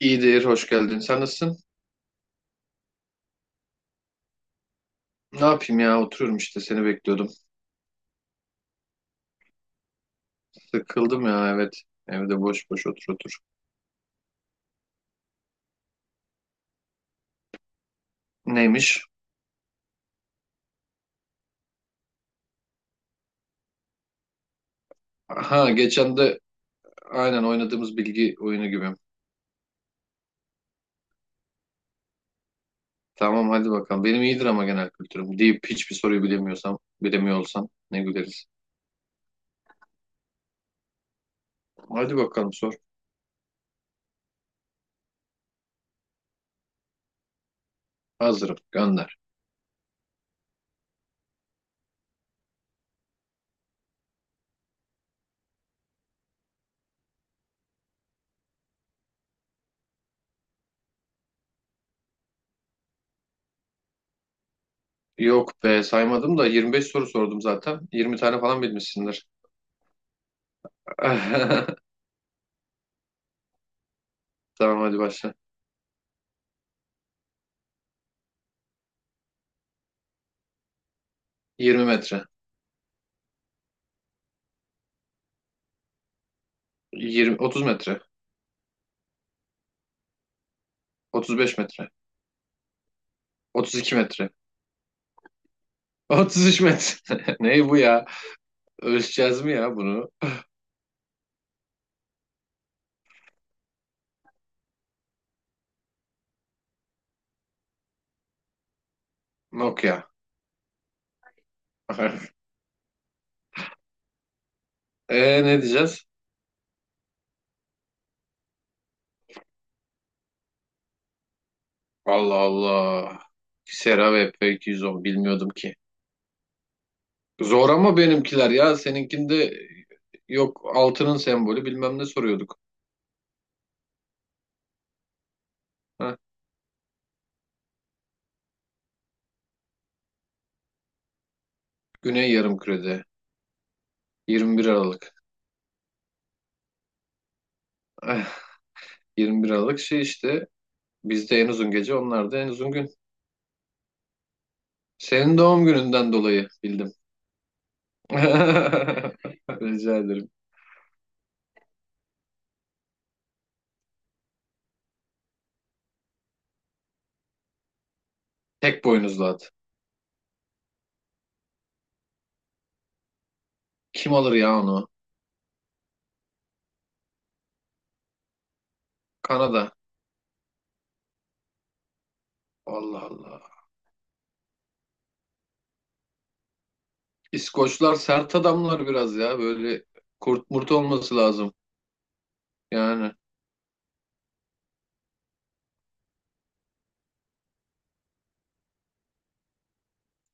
İyidir, hoş geldin. Sen nasılsın? Ne yapayım ya, oturuyorum işte seni bekliyordum. Sıkıldım ya, evet. Evde boş boş otur otur. Neymiş? Ha, geçen de aynen oynadığımız bilgi oyunu gibi. Tamam hadi bakalım. Benim iyidir ama genel kültürüm. Deyip hiçbir soruyu bilemiyorsam, bilemiyor olsam ne güleriz. Hadi bakalım sor. Hazırım, gönder. Yok be, saymadım da 25 soru sordum zaten. 20 tane falan bilmişsindir. Tamam hadi başla. 20 metre. 20, 30 metre. 35 metre. 32 metre. 33 metre. Ne bu ya? Ölçeceğiz mi ya bunu? Nokia. E, ne diyeceğiz? Allah Allah. Xera ve F210 bilmiyordum ki. Zor ama benimkiler ya. Seninkinde yok, altının sembolü bilmem ne soruyorduk. Heh, Güney Yarımküre'de 21 Aralık. Eh, 21 Aralık şey işte, bizde en uzun gece onlarda en uzun gün. Senin doğum gününden dolayı bildim. Rica ederim. Tek boynuzlu at. Kim alır ya onu? Kanada. Allah Allah. İskoçlar sert adamlar biraz ya. Böyle kurt murt olması lazım. Yani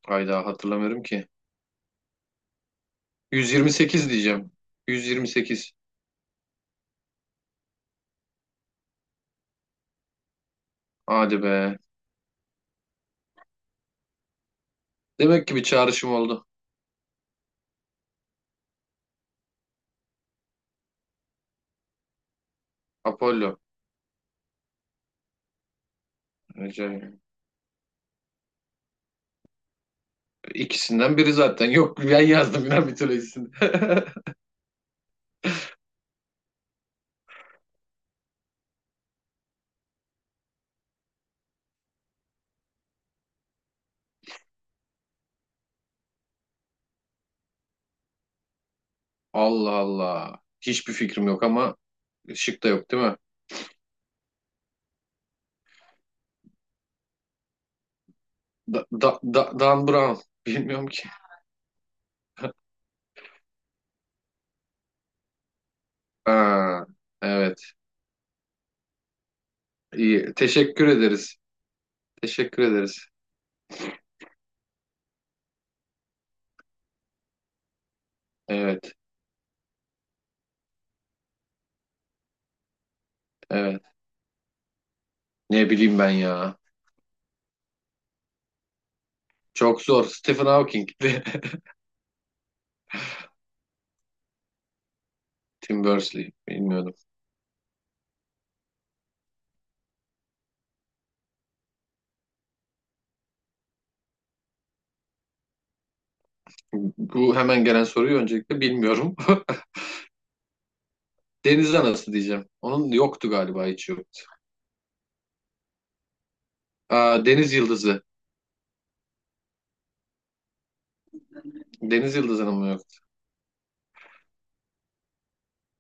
hayda, hatırlamıyorum ki. 128 diyeceğim. 128. Hadi be. Demek ki bir çağrışım oldu. Apollo. Ece- İkisinden biri zaten. Yok, ben yazdım yine mitolojisini. Allah Allah. Hiçbir fikrim yok ama şık da yok değil mi? Dan Brown. Bilmiyorum ki. Ha, evet. İyi. Teşekkür ederiz. Teşekkür ederiz. Evet, evet. Ne bileyim ben ya. Çok zor. Stephen Hawking. Tim Berners-Lee. Bilmiyordum. Bu hemen gelen soruyu öncelikle bilmiyorum. Deniz anası diyeceğim. Onun yoktu galiba, hiç yok. Aa, deniz yıldızı. Deniz yıldızının mı yok?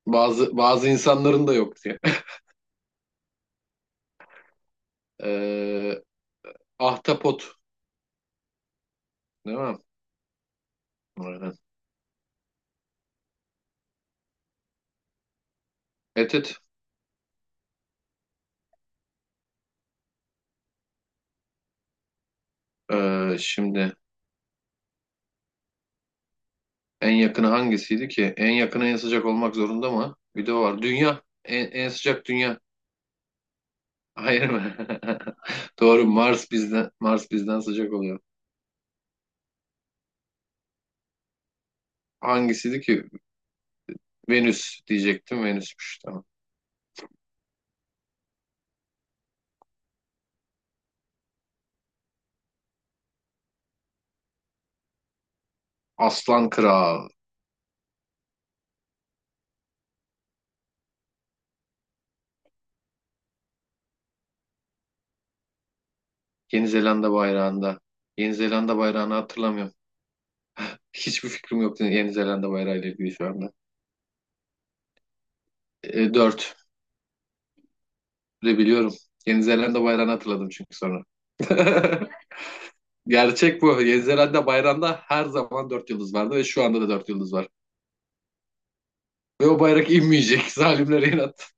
Bazı bazı insanların da yok diye. Ee, ahtapot. Değil mi? Aynen. Evet, evet. Şimdi en yakını hangisiydi ki? En yakını en sıcak olmak zorunda mı? Bir de o var. Dünya. En sıcak dünya. Hayır mı? Doğru, Mars bizden sıcak oluyor. Hangisiydi ki? Venüs diyecektim. Venüsmüş, tamam. Aslan Kral. Yeni Zelanda bayrağında. Yeni Zelanda bayrağını hatırlamıyorum. Hiçbir fikrim yok Yeni Zelanda bayrağı ile ilgili şu anda. E, dört de biliyorum. Yeni Zelanda bayrağını hatırladım çünkü sonra. Gerçek bu. Yeni Zelanda bayrağında her zaman dört yıldız vardı ve şu anda da dört yıldız var. Ve o bayrak inmeyecek. Zalimlere inat.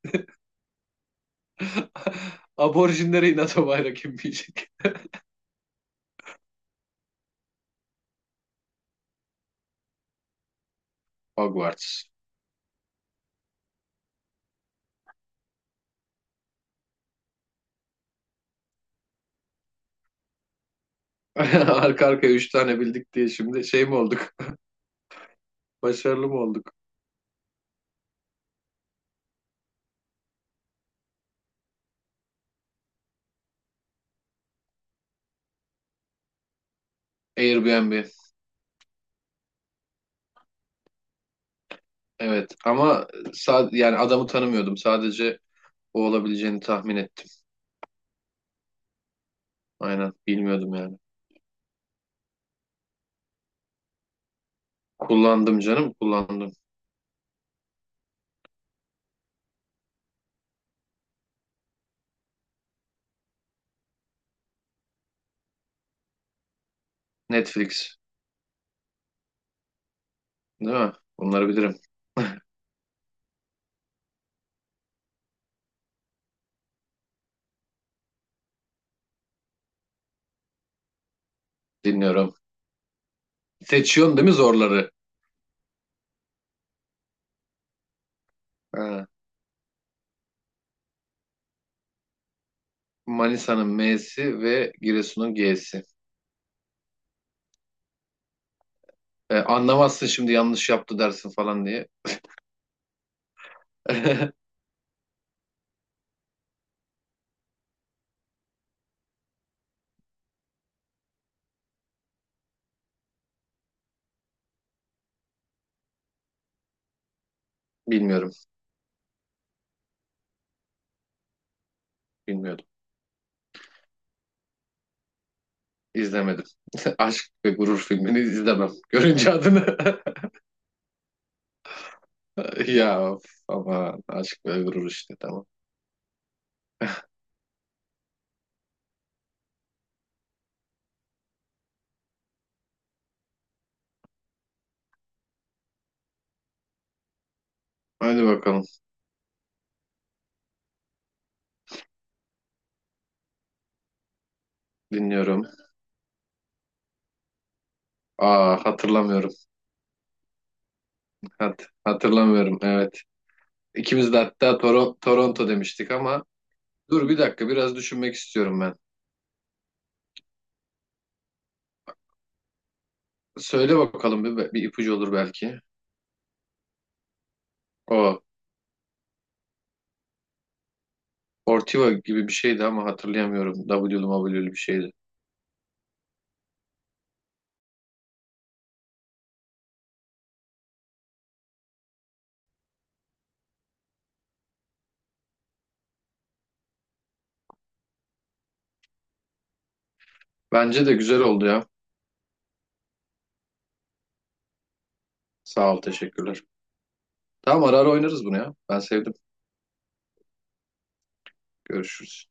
Aborjinlere inat o bayrak inmeyecek. Hogwarts. Arka arkaya üç tane bildik diye şimdi şey mi olduk? Başarılı mı olduk? Airbnb. Evet ama yani adamı tanımıyordum. Sadece o olabileceğini tahmin ettim. Aynen, bilmiyordum yani. Kullandım canım, kullandım. Netflix, değil mi? Bunları bilirim. Dinliyorum. Seçiyorsun değil mi zorları? Ha. Manisa'nın M'si ve Giresun'un G'si. E, anlamazsın, şimdi yanlış yaptı dersin falan diye. Bilmiyorum. Bilmiyordum. İzlemedim. Aşk ve Gurur filmini izlemem. Görünce adını. Ya of, ama Aşk ve Gurur işte, tamam. Hadi bakalım. Dinliyorum. Aa, hatırlamıyorum. Hatırlamıyorum evet. İkimiz de hatta Toronto demiştik ama dur bir dakika, biraz düşünmek istiyorum ben. Söyle bakalım, bir ipucu olur belki. O, Ortiva gibi bir şeydi ama hatırlayamıyorum. WWW'lü bir şeydi. Bence de güzel oldu ya. Sağ ol, teşekkürler. Tamam, ara ara oynarız bunu ya. Ben sevdim. Görüşürüz.